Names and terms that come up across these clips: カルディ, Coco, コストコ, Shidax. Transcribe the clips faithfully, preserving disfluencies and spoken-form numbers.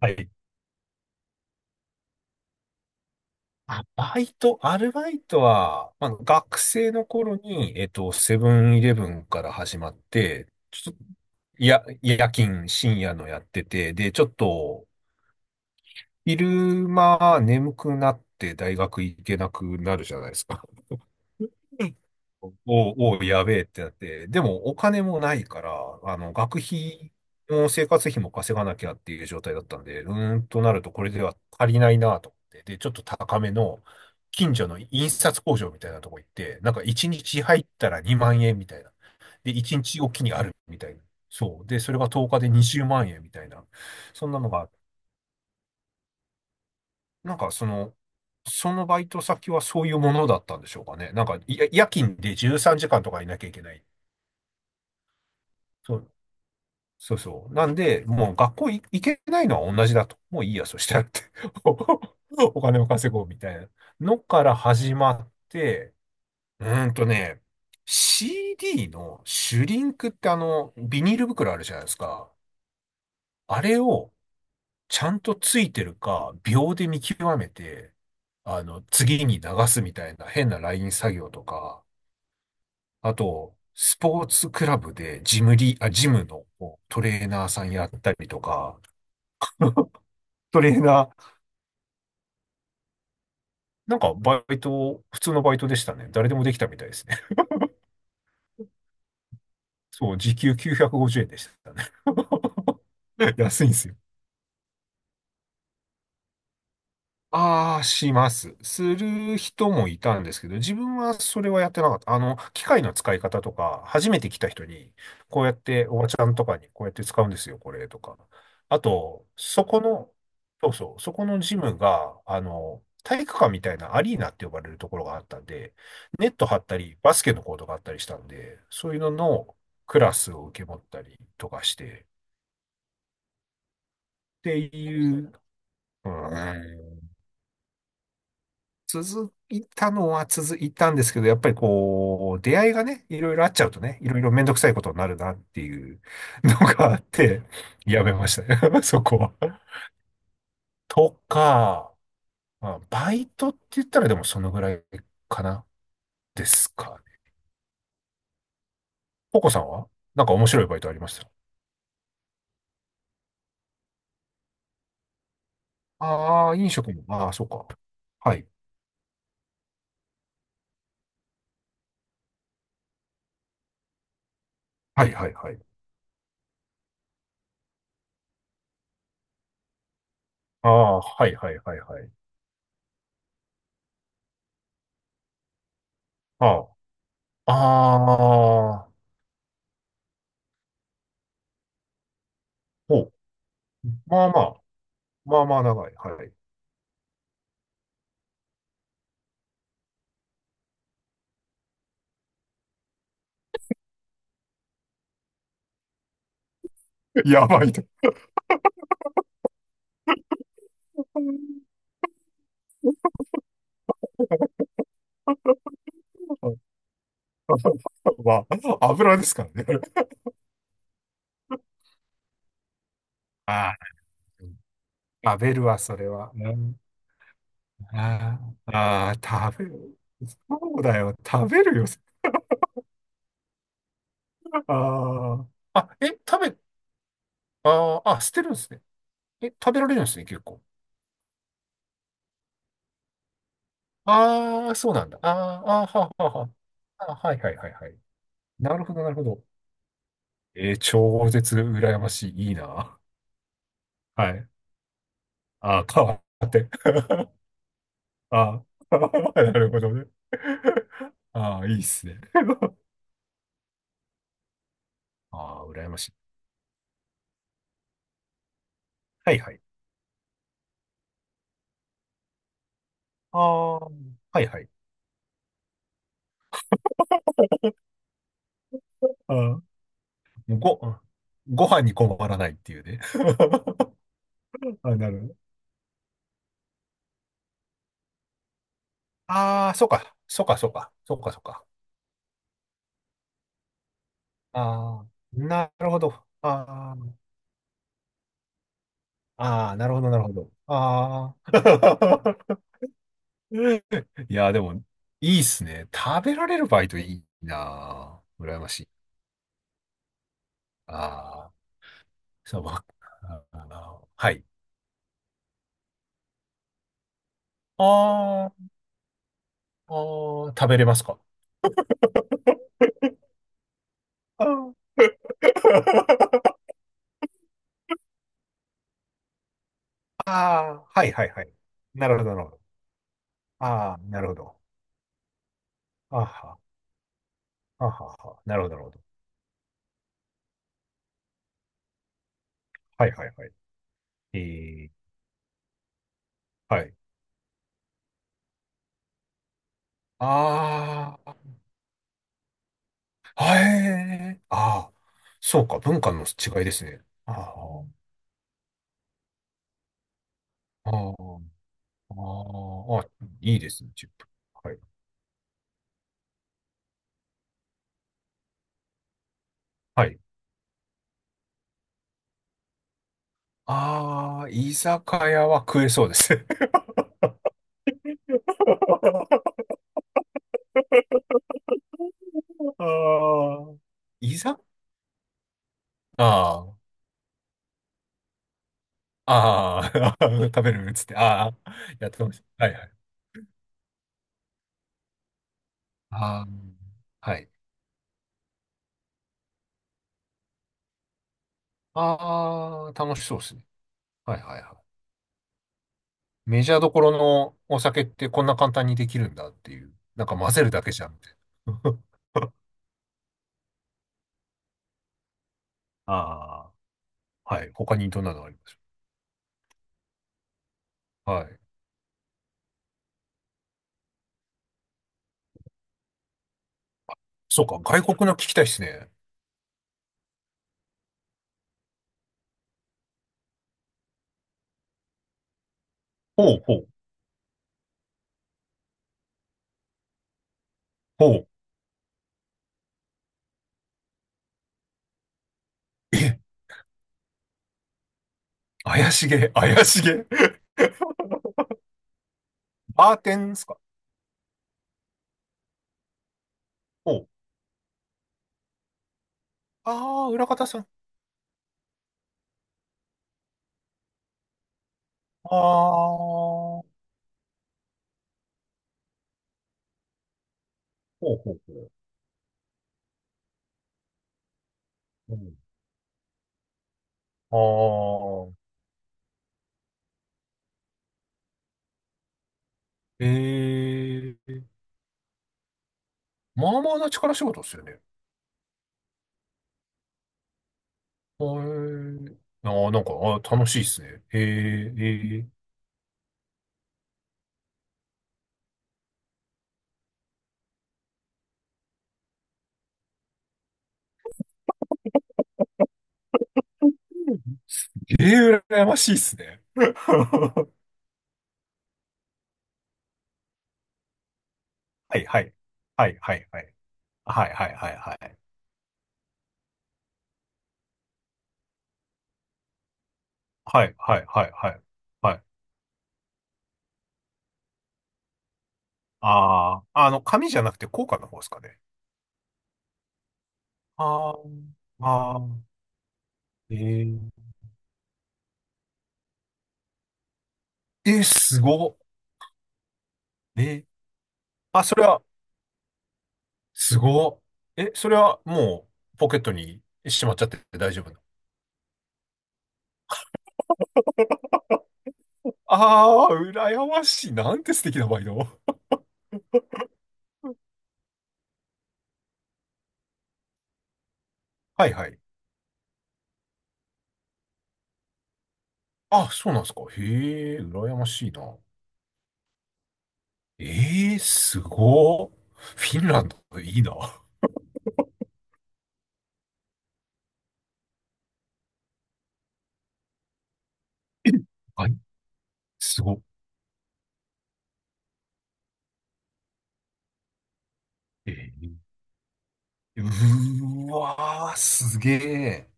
はい。あ、バイト、アルバイトは、まあ、学生の頃に、えっと、セブンイレブンから始まって、ちょっと、や、夜勤、深夜のやってて、で、ちょっと、昼間眠くなって大学行けなくなるじゃないですか。うんおお、やべえってなって、でもお金もないから、あの、学費も生活費も稼がなきゃっていう状態だったんで、うーんとなるとこれでは足りないなと思って、で、ちょっと高めの近所の印刷工場みたいなとこ行って、なんかいちにち入ったらにまん円みたいな。で、いちにちおきにあるみたいな。そう。で、それがとおかでにじゅうまん円みたいな。そんなのがなんかその、そのバイト先はそういうものだったんでしょうかね。なんか、い夜勤でじゅうさんじかんとかいなきゃいけない。そう、そうそう。なんで、もう学校い行けないのは同じだと。もういいや、そしたらって。お金を稼ごうみたいなのから始まって、うーんとね、シーディー のシュリンクってあの、ビニール袋あるじゃないですか。あれをちゃんとついてるか、秒で見極めて、あの、次に流すみたいな変なライン作業とか、あと、スポーツクラブでジムリ、あ、ジムのトレーナーさんやったりとか、トレーナー、なんかバイト、普通のバイトでしたね。誰でもできたみたいですね。そう、時給きゅうひゃくごじゅうえんでしたね。安いんですよ。ああ、します。する人もいたんですけど、自分はそれはやってなかった。あの、機械の使い方とか、初めて来た人に、こうやって、おばちゃんとかに、こうやって使うんですよ、これ、とか。あと、そこの、そうそう、そこのジムが、あの、体育館みたいなアリーナって呼ばれるところがあったんで、ネット張ったり、バスケのコートがあったりしたんで、そういうののクラスを受け持ったりとかして、っていう、うん、続いたのは続いたんですけど、やっぱりこう、出会いがね、いろいろあっちゃうとね、いろいろめんどくさいことになるなっていうのがあって、やめましたね、そこは。とか、まあ、バイトって言ったらでもそのぐらいかな、ですかね。ココさんはなんか面白いバイトありました？ああー、飲食も、ああ、そうか。はい。はいはいはい。ああ、はいはいはいはい。ああ、ああ、ほう。まあまあ、まあまあ長い。はい。やばい。 まあ、油ですからね。ああ、食べるわ、それは。うん、ああ、ああ食べる。そうだよ、食べるよ。ああ、あ、え、食べ、ああ、あ、捨てるんですね。え、食べられるんですね、結構。ああ、そうなんだ。ああ、ああ、はあ、はあ、はあ、あはい、はい、はい、はい。なるほど、なるほど。えー超絶羨ましい。いいな。はい。ああ、変わって。ああ。なるほどね。ああ、いいっすね。ああ、羨ましい。はいはい。ああ、はいはい。ああ、もうご、ご飯に困らないっていうね。あ、なるほど。ああ、そうか。そうか、そうか。そうか、そうか。ああ、なるほど。ああ、ああ、なるほど、なるほど。ああ。いや、でも、いいっすね。食べられるバイトいいなあ。羨ましい。ああ、そう、わああはい。あーあー、食べれますかあー？ あー、はいはいはい。なるほど、なるほど。ああ、なるほど。あは、あはは、なるほど、なるほど。はいはいはい。えー、はい。ああ、はい。ああ、そうか、文化の違いですね。ああ、ああああ、いいですね、チップ。はい。はい。ああ、居酒屋は食えそうです。ああ、いざああ。ああ、食べるっつって、ああ、やってました。はいはい。ああ、はい。ああ、楽しそうですね。はいはいはい。メジャーどころのお酒ってこんな簡単にできるんだっていう。なんか混ぜるだけじゃんって。ああ、はい。他にどんなのありますか？はい。そうか、外国の聞きたいですね。ほうほう、ほう。え、怪しげ、怪しげ。バーテンですか？ほう。ああ、裏方さん。ああ、ほうほうほう。うんああ、ええ、まあまあな力仕事ですよね。ええ、ああ、なんか、あ楽しいですね。えー、ええええ羨ましいですね。はい、はい。はい、はい、はい。はい、はい、はい、はい。はい、はい、はい、はい。はい。ああ、あの、紙じゃなくて硬貨の方ですかね。ああ、ああ、えー、えすごっ。えあ、それは、すごっ。え、それはもう、ポケットにしまっちゃって大丈夫？ああ、羨ましい。なんて素敵なバイト。はいはい。あ、そうなんですか。へえ、羨ましいな。ええ、すごっ。フィンランド、いいな。えはい、すごええ、うーわー、すげえ。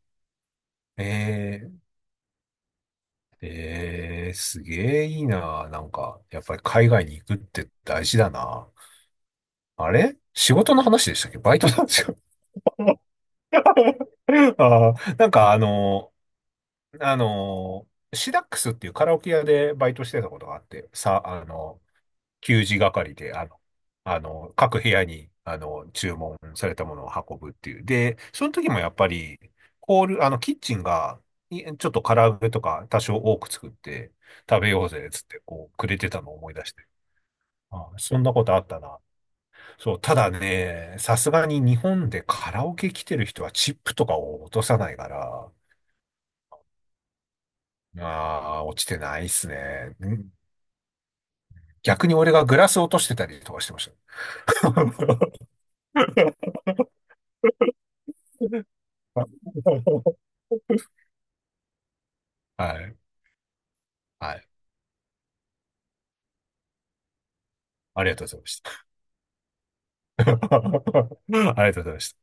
ええ、ええ、すげえいいな。なんか、やっぱり海外に行くって大事だな。あれ仕事の話でしたっけ？バイトなんですよ。ああ、なんかあのあの、シダックスっていうカラオケ屋でバイトしてたことがあって、さ、あの、給仕係で、あの、あの、各部屋に、あの、注文されたものを運ぶっていう。で、その時もやっぱり、ホール、あの、キッチンが、いちょっと唐揚げとか多少多く作って食べようぜ、つって、こう、くれてたのを思い出して。あ、そんなことあったな。そう、ただね、さすがに日本でカラオケ来てる人はチップとかを落とさないから、ああ、落ちてないっすね。ん逆に俺がグラス落としてたりとかしてました。はい。はい。ありがとうございました。ありがとうございました。